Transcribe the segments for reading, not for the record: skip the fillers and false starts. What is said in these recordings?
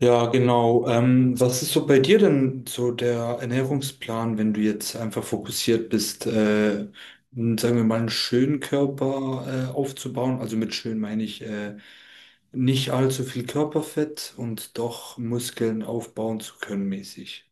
Ja, genau. Was ist so bei dir denn so der Ernährungsplan, wenn du jetzt einfach fokussiert bist, sagen wir mal, einen schönen Körper aufzubauen? Also mit schön meine ich nicht allzu viel Körperfett und doch Muskeln aufbauen zu können mäßig.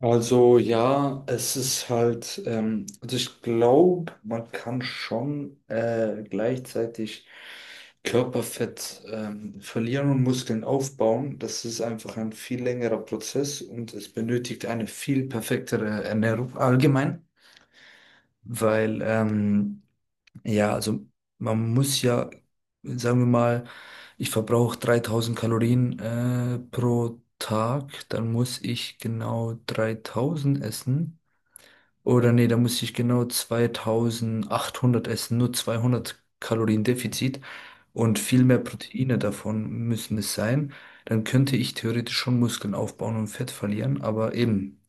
Also ja, es ist halt, also ich glaube, man kann schon gleichzeitig Körperfett verlieren und Muskeln aufbauen. Das ist einfach ein viel längerer Prozess und es benötigt eine viel perfektere Ernährung allgemein, weil ja, also man muss ja, sagen wir mal, ich verbrauche 3000 Kalorien pro Tag, dann muss ich genau 3000 essen. Oder nee, da muss ich genau 2800 essen, nur 200 Kalorien Defizit und viel mehr Proteine davon müssen es sein. Dann könnte ich theoretisch schon Muskeln aufbauen und Fett verlieren, aber eben,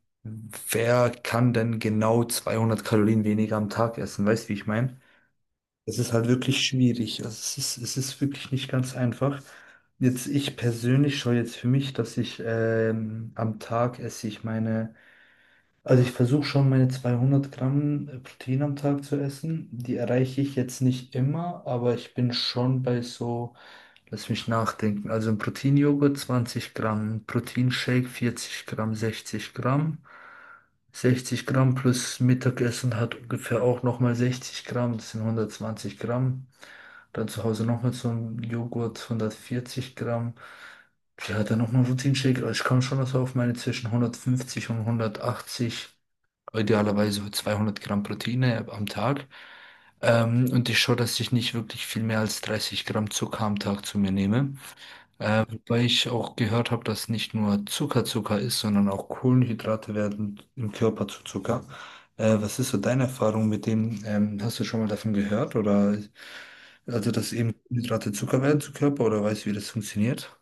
wer kann denn genau 200 Kalorien weniger am Tag essen? Weißt du, wie ich meine? Es ist halt wirklich schwierig. Also es ist wirklich nicht ganz einfach. Jetzt, ich persönlich schaue jetzt für mich, dass ich am Tag esse ich meine also ich versuche schon meine 200 Gramm Protein am Tag zu essen. Die erreiche ich jetzt nicht immer, aber ich bin schon bei so, lass mich nachdenken. Also ein Proteinjoghurt 20 Gramm, ein Proteinshake 40 Gramm, 60 Gramm. 60 Gramm plus Mittagessen hat ungefähr auch nochmal 60 Gramm, das sind 120 Gramm. Dann zu Hause nochmal so ein Joghurt 140 Gramm. Ja, dann nochmal ein Proteinshake. Also ich komme schon so auf meine zwischen 150 und 180, idealerweise 200 Gramm Proteine am Tag. Und ich schaue, dass ich nicht wirklich viel mehr als 30 Gramm Zucker am Tag zu mir nehme. Wobei ich auch gehört habe, dass nicht nur Zucker Zucker ist, sondern auch Kohlenhydrate werden im Körper zu Zucker. Was ist so deine Erfahrung mit dem? Hast du schon mal davon gehört? Oder also, dass eben Kohlenhydrate Zucker werden zu Körper oder weißt du, wie das funktioniert?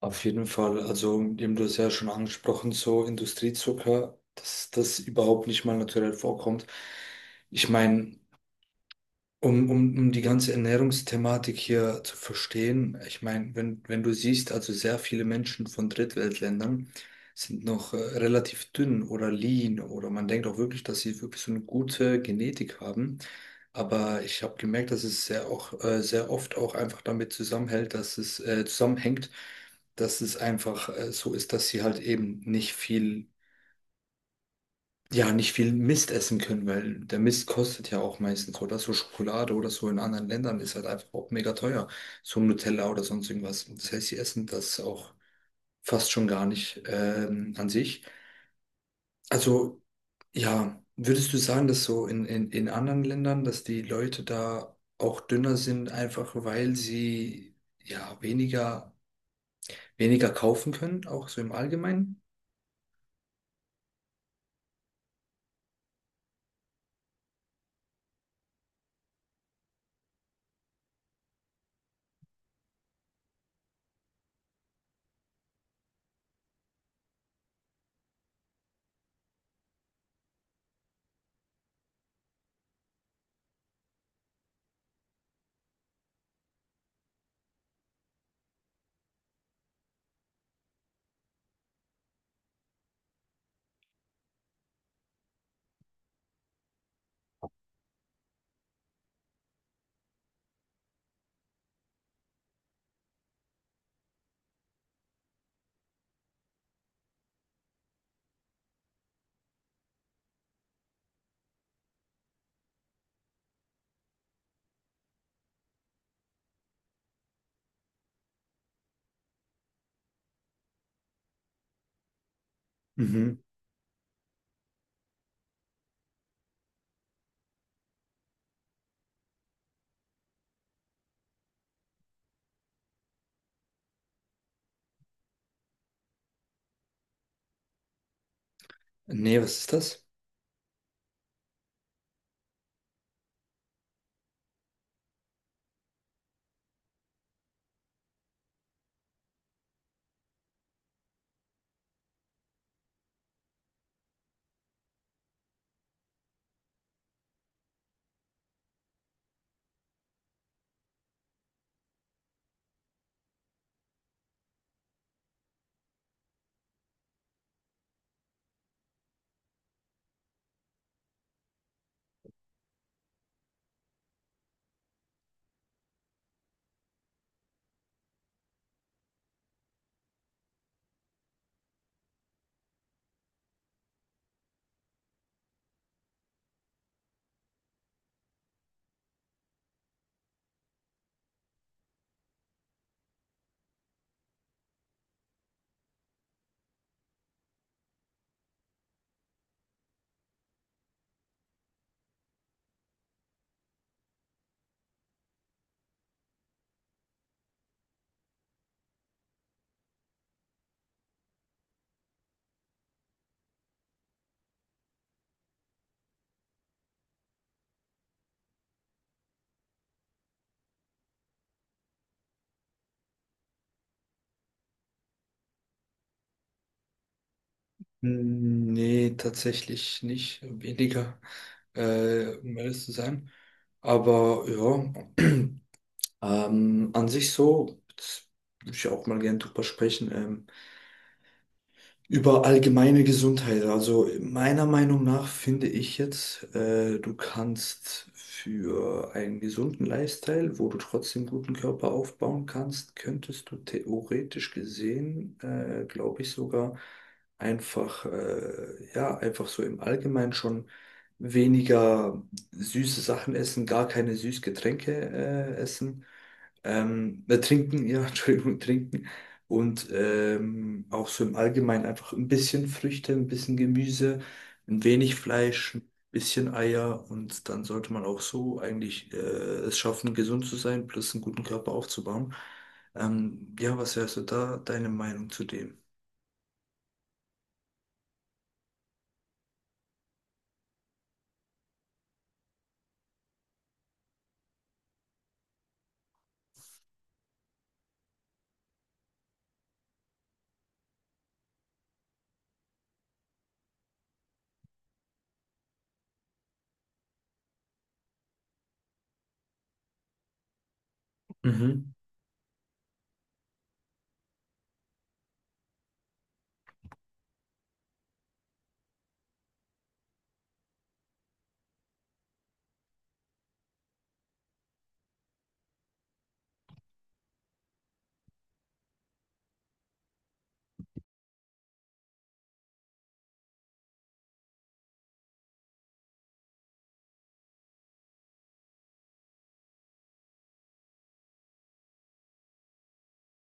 Auf jeden Fall, also eben du hast ja schon angesprochen, so Industriezucker, dass das überhaupt nicht mal naturell vorkommt. Ich meine, um die ganze Ernährungsthematik hier zu verstehen, ich meine, wenn du siehst, also sehr viele Menschen von Drittweltländern sind noch relativ dünn oder lean oder man denkt auch wirklich, dass sie wirklich so eine gute Genetik haben. Aber ich habe gemerkt, dass es sehr, auch, sehr oft auch einfach damit zusammenhält, dass es zusammenhängt, dass es einfach so ist, dass sie halt eben nicht viel Mist essen können, weil der Mist kostet ja auch meistens, oder? So Schokolade oder so in anderen Ländern ist halt einfach auch mega teuer. So Nutella oder sonst irgendwas. Das heißt, sie essen das auch fast schon gar nicht an sich. Also ja, würdest du sagen, dass so in anderen Ländern, dass die Leute da auch dünner sind, einfach weil sie ja weniger, weniger kaufen können, auch so im Allgemeinen? Mhm. Nee, was ist das? Hm, nee, tatsächlich nicht. Weniger, um ehrlich zu sein. Aber ja, an sich so, jetzt würde ich auch mal gerne drüber sprechen. Über allgemeine Gesundheit. Also meiner Meinung nach finde ich jetzt, du kannst für einen gesunden Lifestyle, wo du trotzdem guten Körper aufbauen kannst, könntest du theoretisch gesehen, glaube ich sogar, einfach, ja, einfach so im Allgemeinen schon weniger süße Sachen essen, gar keine Süßgetränke, essen. Trinken, ja, Entschuldigung, trinken. Und auch so im Allgemeinen einfach ein bisschen Früchte, ein bisschen Gemüse, ein wenig Fleisch, ein bisschen Eier und dann sollte man auch so eigentlich es schaffen, gesund zu sein, plus einen guten Körper aufzubauen. Ja, was wärst du da, deine Meinung zu dem? Mhm.